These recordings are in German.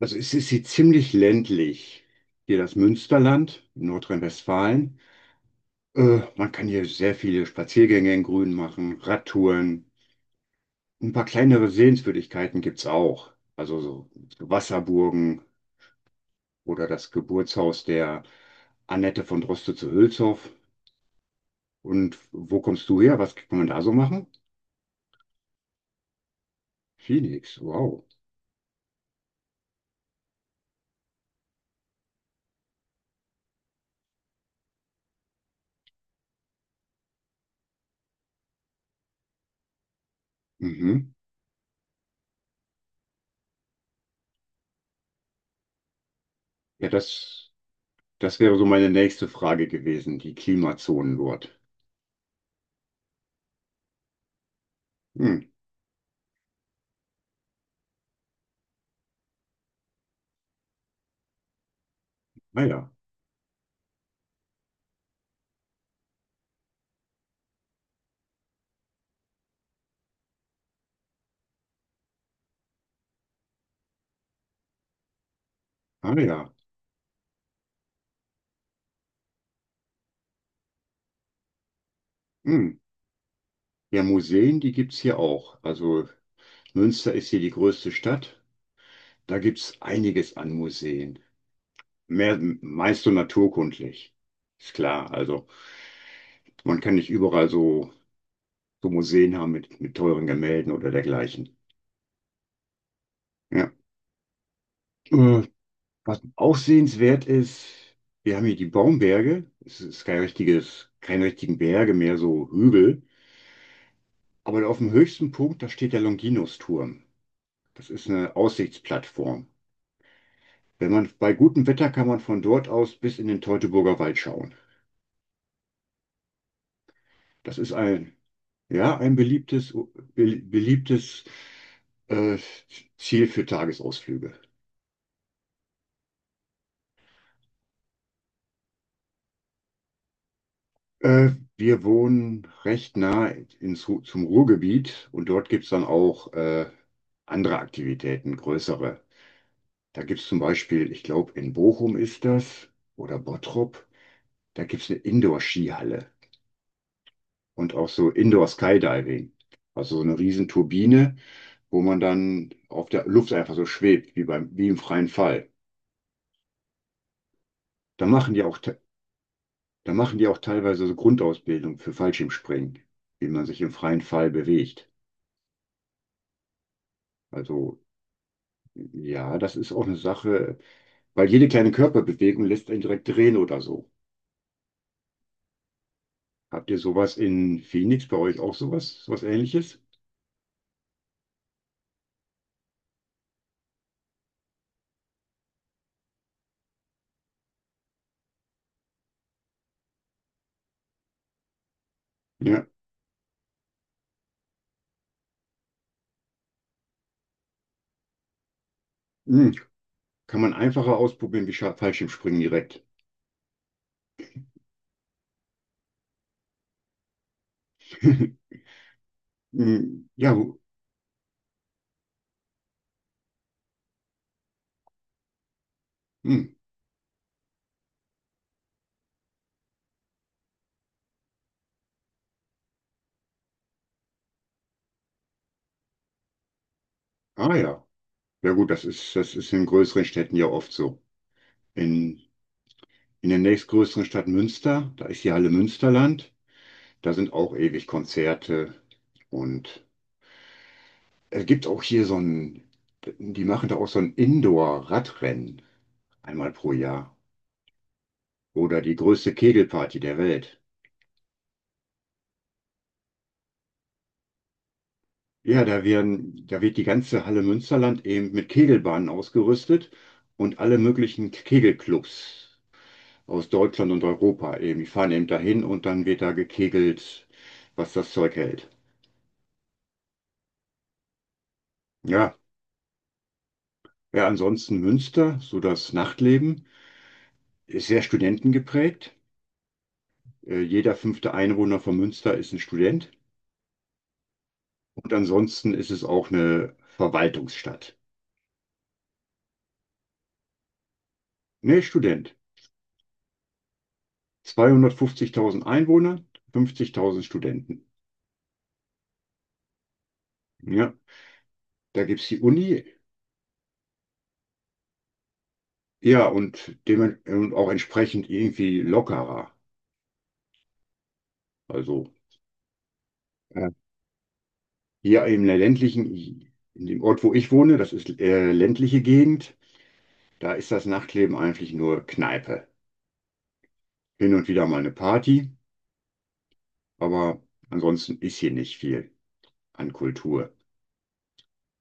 Also es ist hier ziemlich ländlich. Hier das Münsterland in Nordrhein-Westfalen. Man kann hier sehr viele Spaziergänge im Grün machen, Radtouren. Ein paar kleinere Sehenswürdigkeiten gibt's auch. Also so Wasserburgen oder das Geburtshaus der Annette von Droste zu Hülshoff. Und wo kommst du her? Was kann man da so machen? Phoenix, wow. Mhm. Ja, das wäre so meine nächste Frage gewesen, die Klimazonen dort. Hm. Ah ja, ah ja. Hm. Ja, Museen, die gibt's hier auch. Also Münster ist hier die größte Stadt. Da gibt's einiges an Museen. Mehr, meist so naturkundlich. Ist klar. Also man kann nicht überall so Museen haben mit teuren Gemälden oder dergleichen. Ja. Äh, Was auch sehenswert ist, wir haben hier die Baumberge. Es ist kein richtiges, keine richtigen Berge mehr, so Hügel. Aber auf dem höchsten Punkt, da steht der Longinus-Turm. Das ist eine Aussichtsplattform. Wenn man bei gutem Wetter kann man von dort aus bis in den Teutoburger Wald schauen. Das ist ein, ja, ein beliebtes, beliebtes äh, Ziel für Tagesausflüge. Äh, Wir wohnen recht nah zum Ruhrgebiet und dort gibt es dann auch andere Aktivitäten, größere. Da gibt es zum Beispiel, ich glaube, in Bochum ist das oder Bottrop, da gibt es eine Indoor-Skihalle und auch so Indoor-Skydiving. Also so eine riesen Turbine, wo man dann auf der Luft einfach so schwebt, wie beim, wie im freien Fall. Da machen die auch, te- da machen die auch teilweise so Grundausbildung für Fallschirmspringen, wie man sich im freien Fall bewegt. Also, ja, das ist auch eine Sache, weil jede kleine Körperbewegung lässt einen direkt drehen oder so. Habt ihr sowas in Phoenix bei euch auch sowas Ähnliches? Ja. Hm. Kann man einfacher ausprobieren wie Fallschirmspringen direkt. Hm. Ja, hm. Ah ja. Ja gut, das ist in größeren Städten ja oft so. in, in der nächstgrößeren Stadt Münster. Da ist die Halle Münsterland. Da sind auch ewig Konzerte. Und es gibt auch hier die machen da auch so ein Indoor-Radrennen einmal pro Jahr. Oder die größte Kegelparty der Welt. Ja, da wird die ganze Halle Münsterland eben mit Kegelbahnen ausgerüstet und alle möglichen Kegelclubs aus Deutschland und Europa eben. Die fahren eben dahin und dann wird da gekegelt, was das Zeug hält. Ja, ja, ansonsten Münster, so das Nachtleben, ist sehr studentengeprägt. Jeder fünfte Einwohner von Münster ist ein Student. Und ansonsten ist es auch eine Verwaltungsstadt. Nee, Student. 250.000 Einwohner, 50.000 Studenten. Ja, da gibt es die Uni. Ja, und auch entsprechend irgendwie lockerer. Also äh, hier in der ländlichen, in dem Ort, wo ich wohne, das ist ländliche Gegend, da ist das Nachtleben eigentlich nur Kneipe. Hin und wieder mal eine Party, aber ansonsten ist hier nicht viel an Kultur.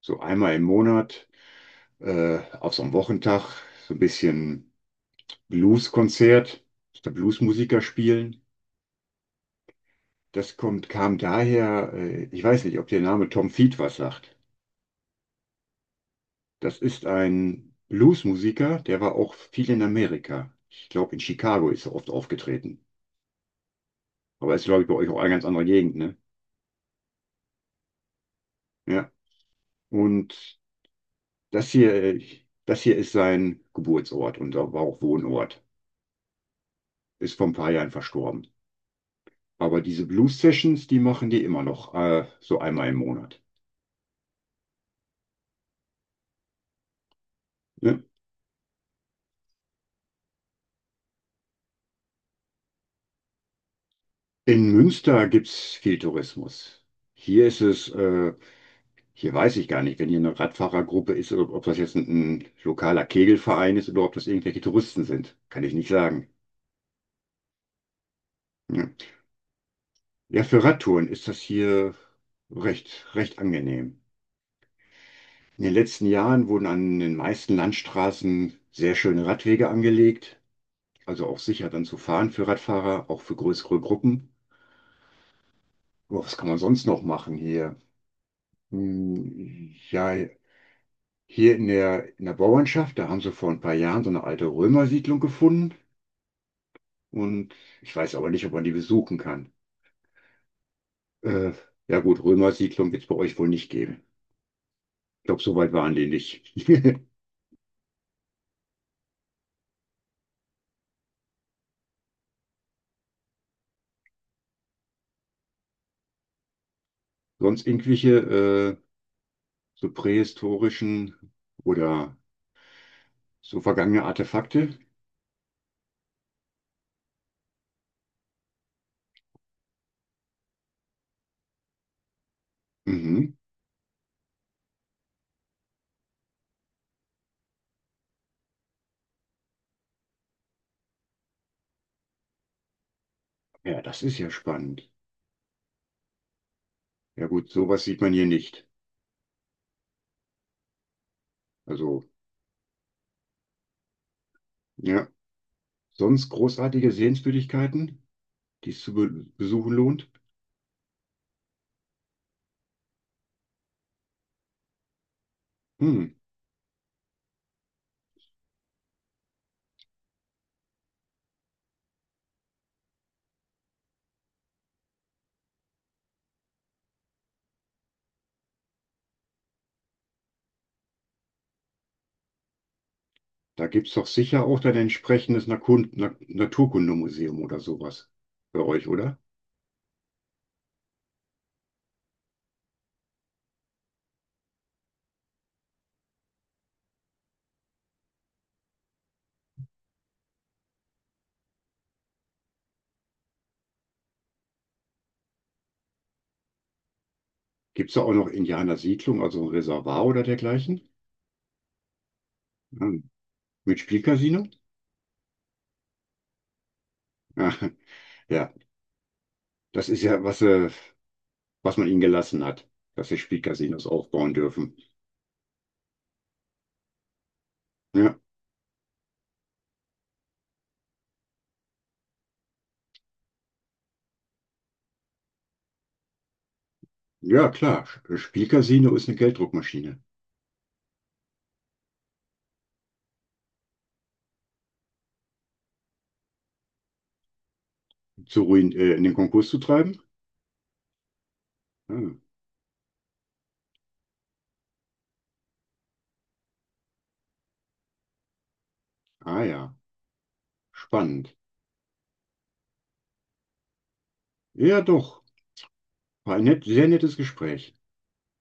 So einmal im Monat, auf so einem Wochentag, so ein bisschen Blueskonzert, da Bluesmusiker spielen. Das kommt, kam daher, ich weiß nicht, ob der Name Tom Feet was sagt. Das ist ein Bluesmusiker, der war auch viel in Amerika. Ich glaube, in Chicago ist er oft aufgetreten. Aber ist, glaube ich, bei euch auch eine ganz andere Gegend, ne? Ja. Und Das hier, das hier ist sein Geburtsort und auch war auch Wohnort. Ist vor ein paar Jahren verstorben. Aber diese Blues Sessions, die machen die immer noch, so einmal im Monat. Ne? In Münster gibt's viel Tourismus. Hier ist es, hier weiß ich gar nicht, wenn hier eine Radfahrergruppe ist, ob das jetzt ein lokaler Kegelverein ist oder ob das irgendwelche Touristen sind. Kann ich nicht sagen. Ne? Ja, für Radtouren ist das hier recht, recht angenehm. In den letzten Jahren wurden an den meisten Landstraßen sehr schöne Radwege angelegt, also auch sicher dann zu fahren für Radfahrer, auch für größere Gruppen. Aber was kann man sonst noch machen hier? Hm, ja, hier in der Bauernschaft, da haben sie vor ein paar Jahren so eine alte Römersiedlung gefunden und ich weiß aber nicht, ob man die besuchen kann. Äh, ja gut, Römersiedlung wird es bei euch wohl nicht geben. Ich glaube, so weit waren die nicht. Sonst irgendwelche so prähistorischen oder so vergangene Artefakte? Mhm. Ja, das ist ja spannend. Ja gut, sowas sieht man hier nicht. Also, ja. Sonst großartige Sehenswürdigkeiten, die es zu be besuchen lohnt? Hm. Da gibt es doch sicher auch dann entsprechendes Naturkundemuseum oder sowas bei euch, oder? Gibt es da auch noch Indianersiedlung, also ein Reservoir oder dergleichen? Hm. Mit Spielcasino? Ah, ja, das ist ja, was man ihnen gelassen hat, dass sie Spielcasinos aufbauen dürfen. Ja. Ja, klar. Spielcasino ist eine Gelddruckmaschine. Zu ruin in den Konkurs zu treiben? Hm. Ah ja, spannend. Ja, doch. War ein sehr nettes Gespräch.